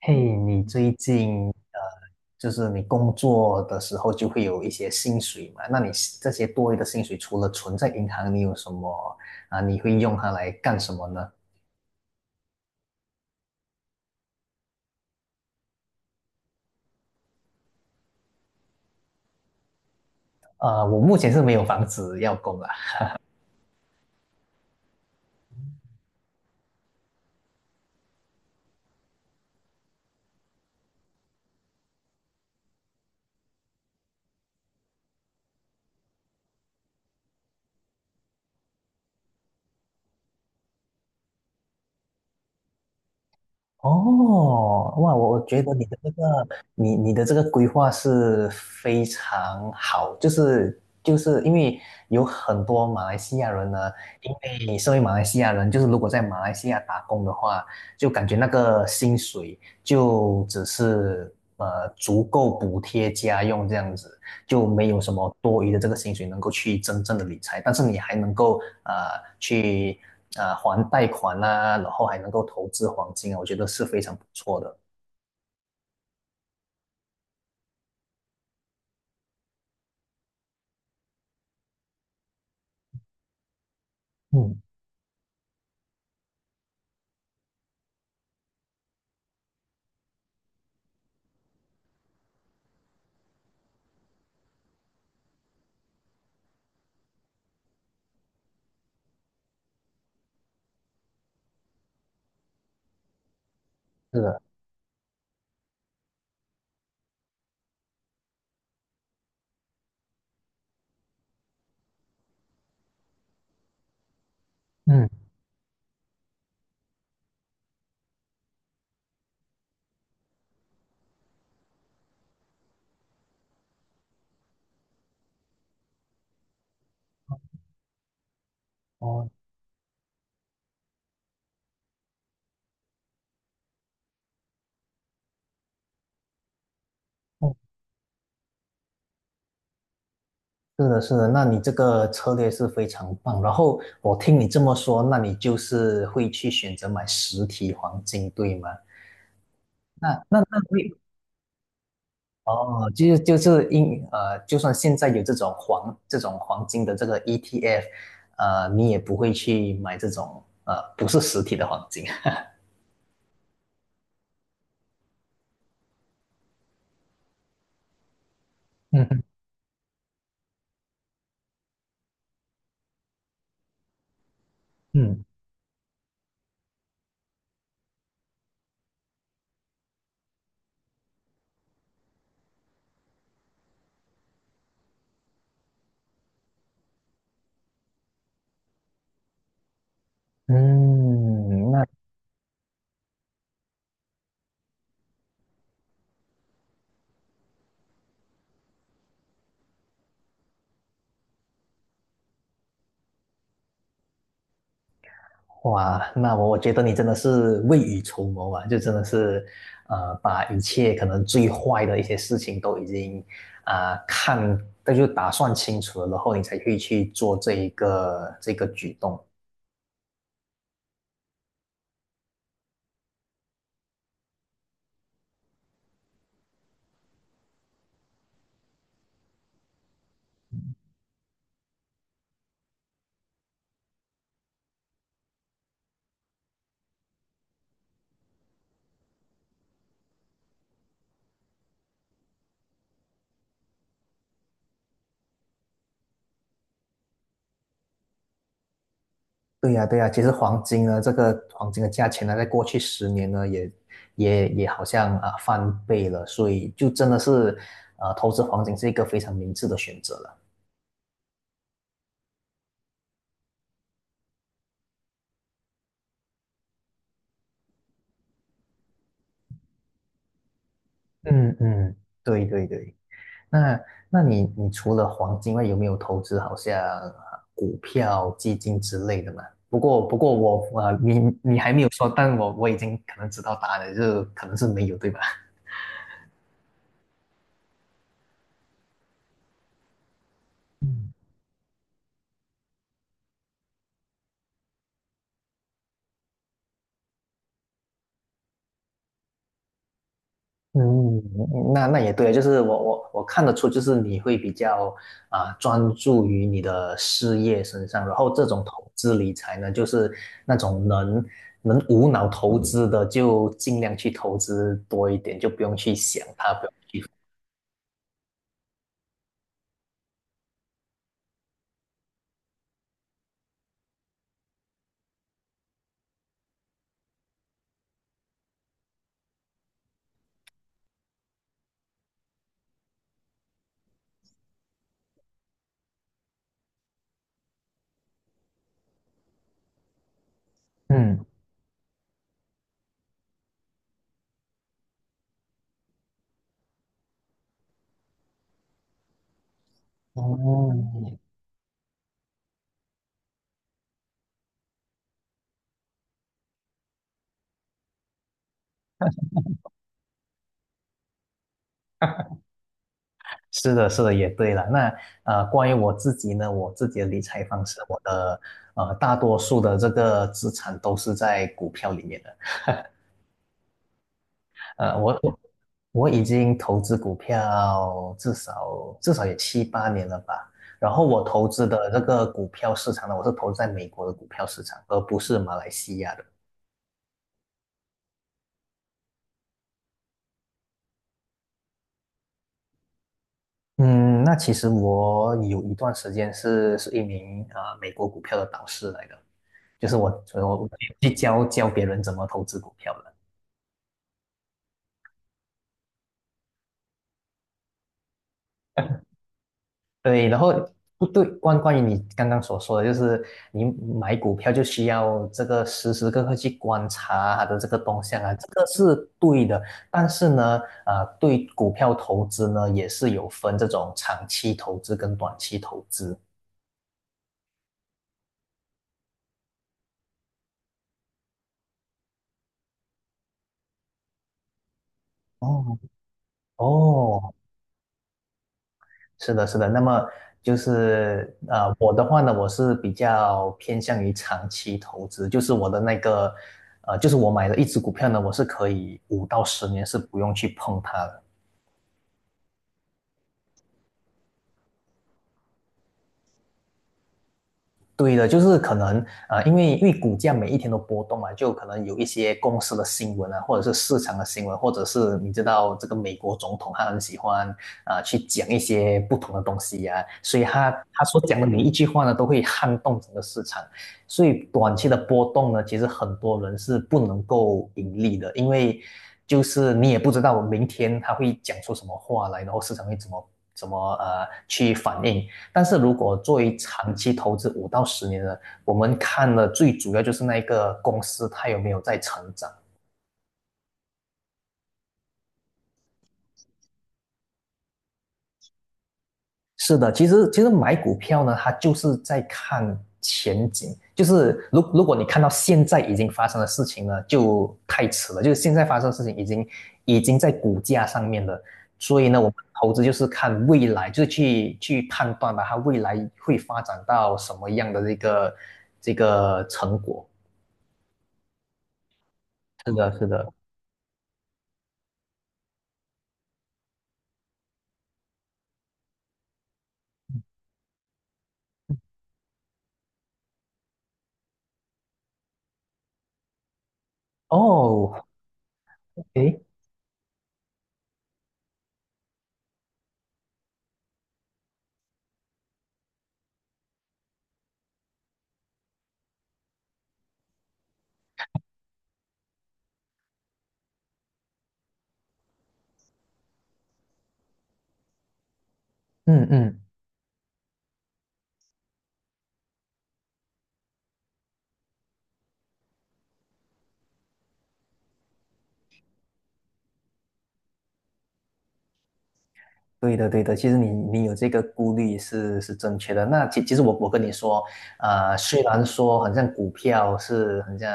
嘿，你最近就是你工作的时候就会有一些薪水嘛？那你这些多余的薪水，除了存在银行，你有什么啊？你会用它来干什么呢？我目前是没有房子要供了。哦，哇，我觉得你的这个，你的这个规划是非常好，就是因为有很多马来西亚人呢，因为身为马来西亚人，就是如果在马来西亚打工的话，就感觉那个薪水就只是足够补贴家用这样子，就没有什么多余的这个薪水能够去真正的理财，但是你还能够去还贷款啊，然后还能够投资黄金啊，我觉得是非常不错的。嗯，是的，嗯，哦，哦，是的，是的，那你这个策略是非常棒。然后我听你这么说，那你就是会去选择买实体黄金，对吗？那会。哦，就是就是因呃，就算现在有这种这种黄金的这个 ETF，你也不会去买这种不是实体的黄金。嗯嗯，嗯，那哇，那我觉得你真的是未雨绸缪啊，就真的是，把一切可能最坏的一些事情都已经啊、看，那就打算清楚了，然后你才会去做这个举动。对呀，对呀，其实黄金呢，这个黄金的价钱呢，在过去十年呢，也好像啊翻倍了，所以就真的是，投资黄金是一个非常明智的选择了。嗯嗯。对对对，那那你除了黄金外，有没有投资好像啊股票、基金之类的嘛？不过我啊，你还没有说，但我已经可能知道答案了，就可能是没有，对吧？嗯，那也对，就是我看得出，就是你会比较啊、专注于你的事业身上，然后这种投资理财呢，就是那种能无脑投资的，就尽量去投资多一点，就不用去想它，不用。嗯，哦，是的，是的，也对了。那关于我自己呢，我自己的理财方式，我的大多数的这个资产都是在股票里面的。呃，我我我已经投资股票至少也七八年了吧。然后我投资的这个股票市场呢，我是投资在美国的股票市场，而不是马来西亚的。嗯，那其实我有一段时间是一名啊、美国股票的导师来的，就是我所以我去教教别人怎么投资股票的。对，然后不对，关于你刚刚所说的，就是你买股票就需要这个时时刻刻去观察它的这个动向啊，这个是对的。但是呢，啊、对股票投资呢，也是有分这种长期投资跟短期投资。哦，哦，是的，是的。那么就是我的话呢，我是比较偏向于长期投资，就是我的那个就是我买的一只股票呢，我是可以五到十年是不用去碰它的。对的，就是可能因为股价每一天都波动嘛，就可能有一些公司的新闻啊，或者是市场的新闻，或者是你知道这个美国总统他很喜欢啊去讲一些不同的东西呀、啊所以他所讲的每一句话呢，都会撼动整个市场。所以短期的波动呢，其实很多人是不能够盈利的，因为就是你也不知道明天他会讲出什么话来，然后市场会怎么去反应。但是如果作为长期投资五到十年的，我们看的最主要就是那一个公司它有没有在成长。是的，其实买股票呢，它就是在看前景，就是如果你看到现在已经发生的事情呢，就太迟了，就是现在发生的事情已经在股价上面了。所以呢，我们投资就是看未来，就是去判断吧，它未来会发展到什么样的这个成果。是的，是的。哦，诶，嗯嗯，对的对的，其实你有这个顾虑是正确的。那其实我跟你说，虽然说好像股票是很像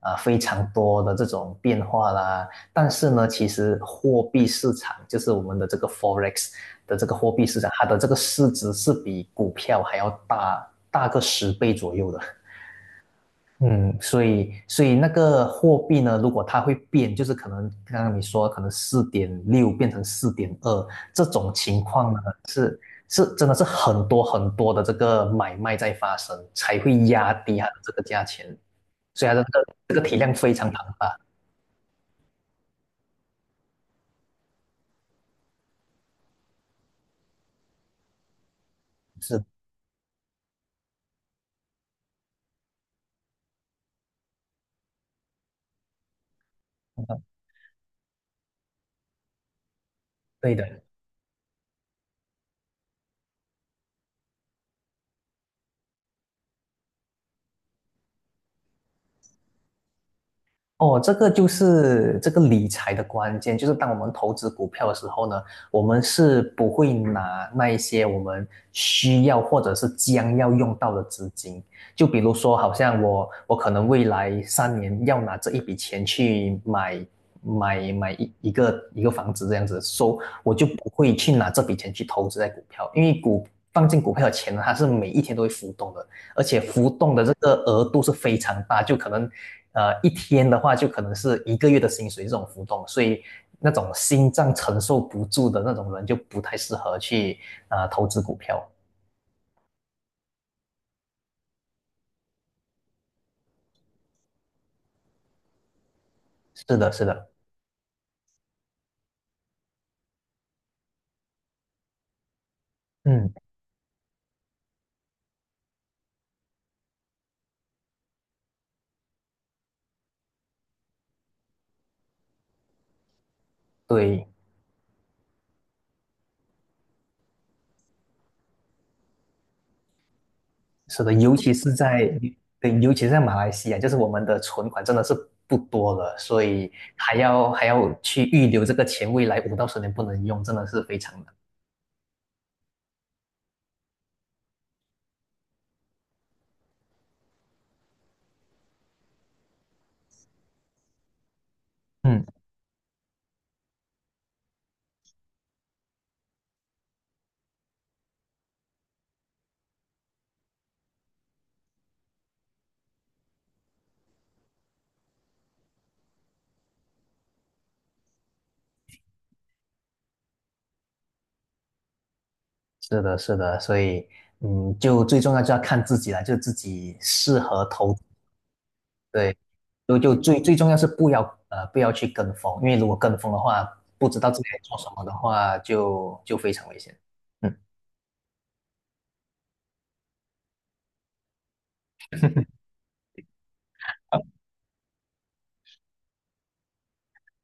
啊、非常多的这种变化啦，但是呢，其实货币市场就是我们的这个 forex 的这个货币市场，它的这个市值是比股票还要大个10倍左右的。嗯，所以那个货币呢，如果它会变，就是可能刚刚你说可能4.6变成4.2这种情况呢，是是真的是很多很多的这个买卖在发生，才会压低它的这个价钱，所以它的这个体量非常庞大。是的，对的。哦，这个就是这个理财的关键，就是当我们投资股票的时候呢，我们是不会拿那一些我们需要或者是将要用到的资金，就比如说，好像我可能未来3年要拿这一笔钱去买一个房子这样子，所以我就不会去拿这笔钱去投资在股票，因为放进股票的钱呢，它是每一天都会浮动的，而且浮动的这个额度是非常大，就可能一天的话就可能是一个月的薪水这种浮动，所以那种心脏承受不住的那种人就不太适合去投资股票。是的，是的，嗯，对，是的，尤其是在对，尤其是在马来西亚，就是我们的存款真的是不多了，所以还要去预留这个钱，未来五到十年不能用，真的是非常难。嗯。是的，是的，所以，嗯，就最重要就要看自己了，就自己适合投，对，就最重要是不要不要去跟风，因为如果跟风的话，不知道自己在做什么的话，就非常危险。嗯，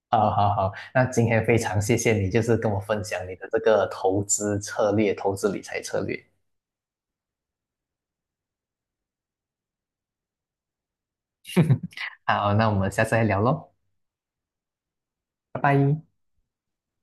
好好好，那今天非常谢谢你，就是跟我分享你的这个投资策略、投资理财策略。好，那我们下次再聊喽。